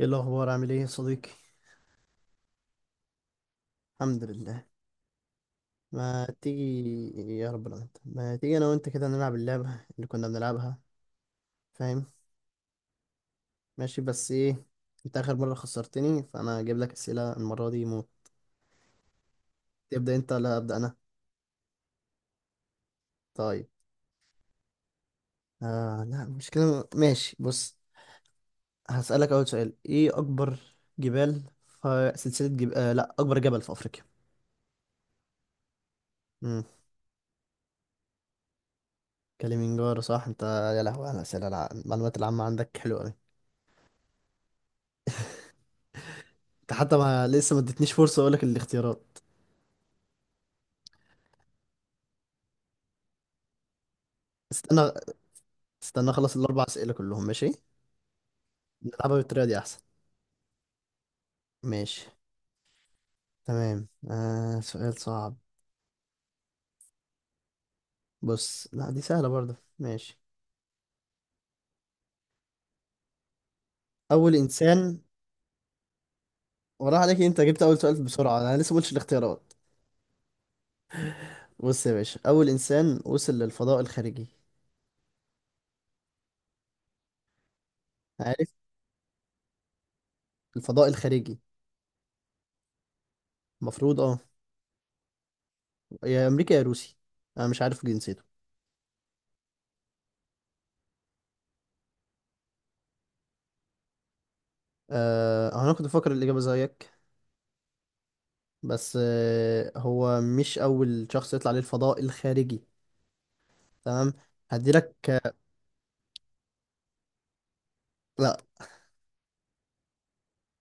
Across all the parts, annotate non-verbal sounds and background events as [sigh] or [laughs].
ايه الاخبار؟ عامل ايه يا صديقي؟ الحمد لله. ما تيجي. يا رب، لو انت ما تيجي انا وانت كده نلعب اللعبه اللي كنا بنلعبها، فاهم؟ ماشي، بس ايه؟ انت اخر مره خسرتني، فانا هجيب لك اسئله المره دي موت. تبدا انت ولا ابدا انا؟ طيب. لا مش كده، ماشي، بص. هسالك اول سؤال، ايه اكبر جبال في سلسله جب... آه لا، اكبر جبل في افريقيا؟ امم. كليمنجارو، صح. انت يا لهوي على الاسئله، المعلومات العامه عندك حلوه قوي. انت حتى ما لسه ما ادتنيش فرصه اقول لك الاختيارات. استنى، استنى اخلص 4 اسئله كلهم، ماشي؟ نلعبها بالطريقه دي احسن. ماشي. تمام، سؤال صعب. بص، لا دي سهله برضه، ماشي. اول انسان. وراح عليك، انت جبت اول سؤال بسرعه، انا لسه ما قلتش الاختيارات. بص يا باشا، اول انسان وصل للفضاء الخارجي. عارف؟ الفضاء الخارجي. المفروض، اه. يا امريكا يا روسي، انا مش عارف جنسيته. انا كنت بفكر الاجابه زيك. بس هو مش اول شخص يطلع للفضاء الخارجي. تمام. هديلك. لا.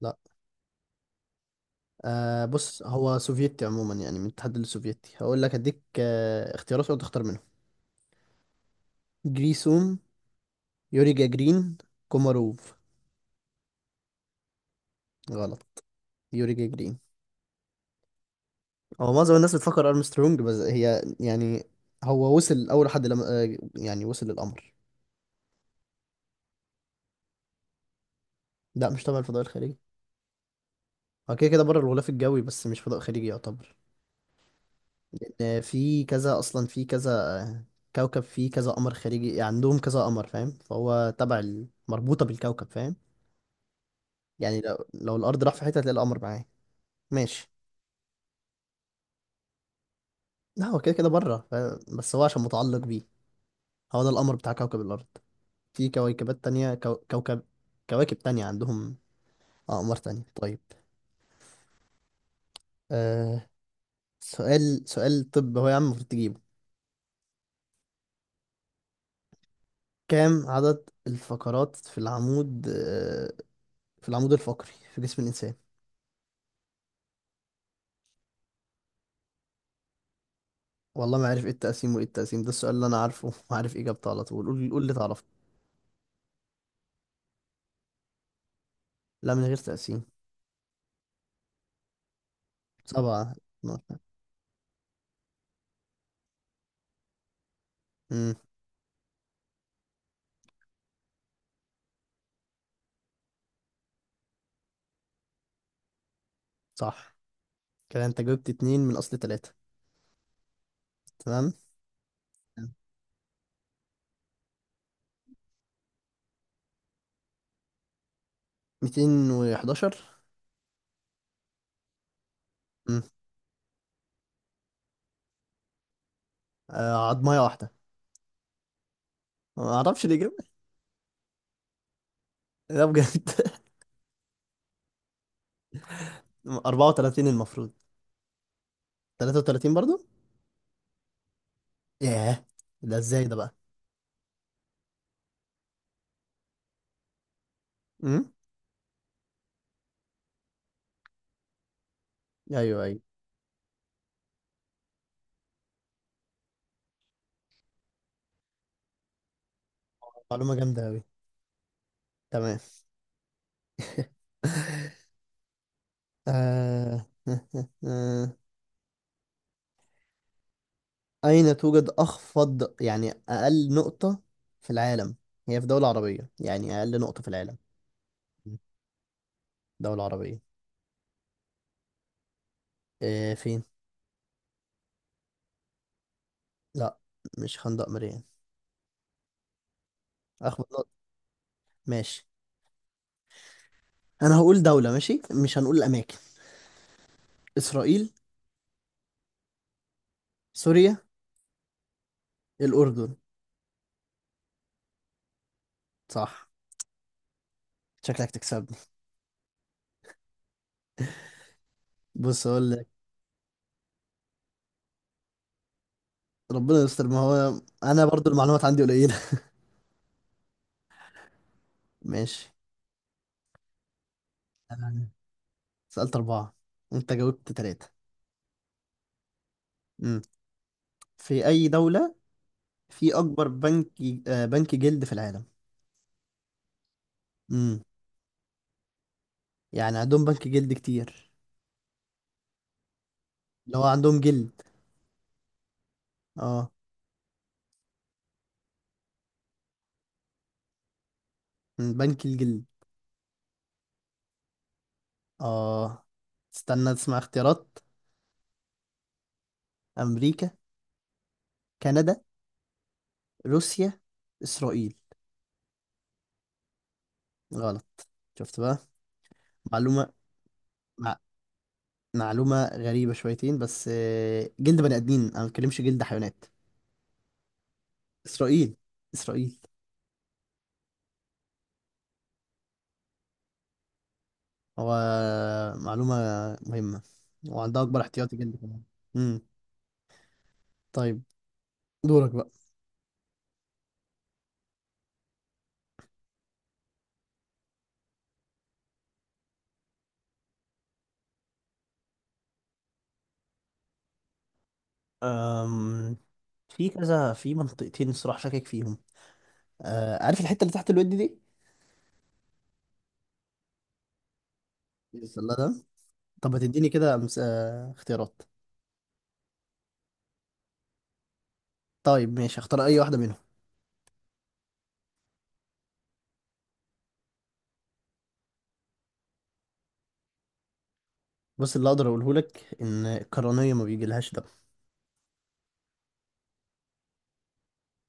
لا. بص، هو سوفيتي عموما، يعني من الاتحاد السوفيتي. هقول لك هديك اختيارات وانت تختار منهم. جريسوم، يوري جاجرين، كوماروف. غلط. يوري جاجرين. هو معظم الناس بتفكر ارمسترونج، بس هي يعني هو وصل اول حد لم... آه، يعني وصل للقمر. لا، مش تبع الفضاء الخارجي. هو كده كده بره الغلاف الجوي، بس مش فضاء خارجي يعتبر. لان في كذا اصلا، في كذا آه، كوكب فيه كذا قمر خارجي، يعني عندهم كذا قمر، فاهم؟ فهو تبع مربوطة بالكوكب، فاهم؟ يعني لو الارض راح في حته هتلاقي القمر معاه، ماشي؟ لا، هو كده كده بره بس هو عشان متعلق بيه. هو ده القمر بتاع كوكب الارض. في كويكبات تانية كوكب، كواكب تانية عندهم اقمار تانية. طيب. آه... سؤال، سؤال، طب هو يا عم المفروض تجيبه. كام عدد الفقرات في العمود، في العمود الفقري في جسم الانسان؟ والله ما عارف ايه التقسيم وايه التقسيم، ده السؤال اللي انا عارفه [laughs] وعارف اجابته على طول. قول، قول اللي تعرفه. لا، من غير تقسيم. سبعة، اتناشر. امم. صح. كده انت جبت 2 من اصل 3. تمام. 211. امم. عضماية واحدة. ما اعرفش ليه جبت. لا، بجد. [laughs] 34 المفروض. 33 برضو. ياه، ده ازاي ده بقى؟ امم. ايوه، ايوه. معلومة جامدة اوي. تمام. [laughs] آه... [laughs] أين توجد أخفض، يعني أقل نقطة في العالم؟ هي في دولة عربية، يعني أقل نقطة في العالم. مم. دولة عربية. فين؟ لا، مش خندق مريا. اخبارات، ماشي. انا هقول دولة، ماشي، مش هنقول اماكن. اسرائيل، سوريا، الاردن. صح. شكلك تكسبني. بص اقول لك. ربنا يستر، ما هو انا برضو المعلومات عندي قليلة. [laughs] ماشي. أنا سألت 4، وانت جاوبت 3. امم. في اي دولة في اكبر بنك ج- آه، بنك جلد في العالم؟ امم. يعني عندهم بنك جلد كتير. اللي هو عندهم جلد. اه. بنك الجلد. اه. استنى تسمع اختيارات. امريكا، كندا، روسيا، اسرائيل. غلط. شفت بقى؟ معلومة مع... معلومة غريبة شويتين، بس جلد بني آدمين، انا ما بتكلمش جلد حيوانات. اسرائيل. اسرائيل. هو معلومة مهمة، وعندها اكبر احتياطي جلد كمان. امم. طيب، دورك بقى. أم... في كذا، في منطقتين الصراحة شاكك فيهم. عارف الحتة اللي تحت الود دي؟ السلة ده. طب ما تديني كده مس... آه، اختيارات. طيب، ماشي، اختار اي واحدة منهم. بص، اللي اقدر اقوله لك ان القرنية ما بيجيلهاش دم.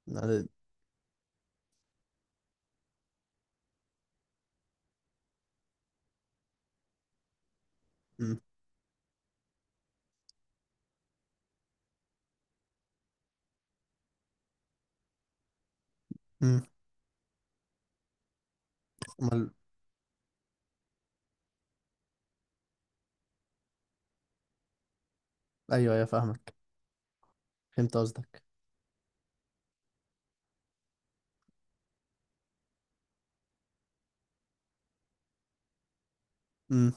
يعني- مم. مم. امال. ايوه، ايوه، فاهمك. فهمت قصدك. امم.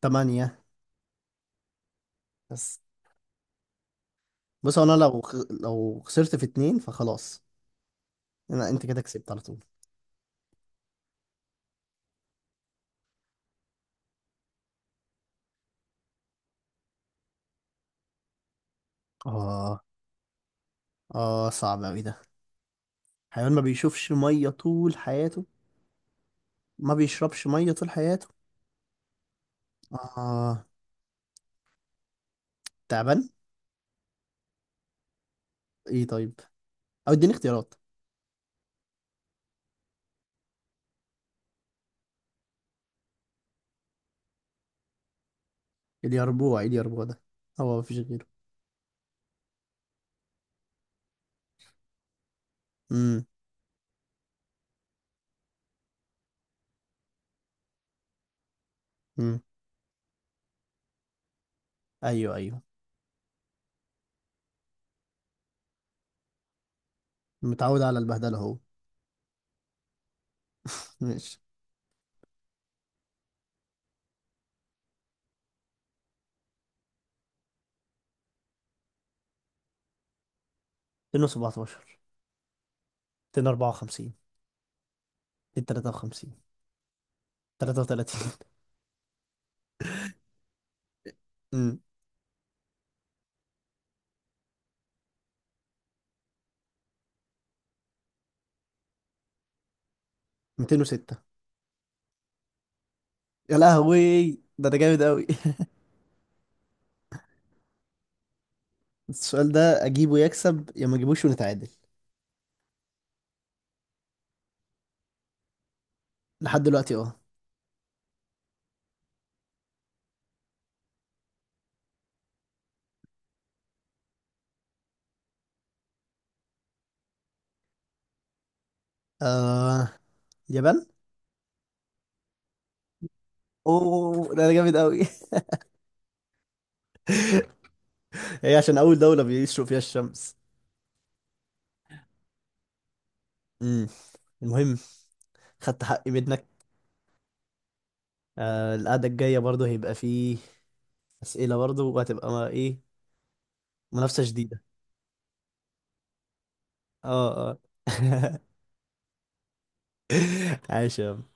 8. بس بص، انا لو لو خسرت في 2 فخلاص. انا، انت كده كسبت على طول. اه. اه، صعب اوي ده. حيوان ما بيشوفش مية طول حياته. ما بيشربش مية طول حياته. اه. تعبان. ايه طيب، او اديني اختيارات. اليربوع، ايه اليربوع ده؟ هو مفيش غيره. امم. امم. ايوه، ايوه. متعود على البهدله هو. ماشي. 217، 254، 253، 33. امم. 206. يا لهوي، ده انا جامد قوي. [laughs] السؤال ده اجيبه يكسب، يا ما اجيبوش ونتعادل. لحد دلوقتي، اه. آه، اليابان. اوه، ده انا جامد قوي. [laughs] هي عشان اول دولة بيشرق فيها الشمس. امم. المهم، خدت حقي منك. القعدة الجاية برضو هيبقى فيه أسئلة برضو، وهتبقى ايه، منافسة شديدة. اه، اه. [laughs] عاش يا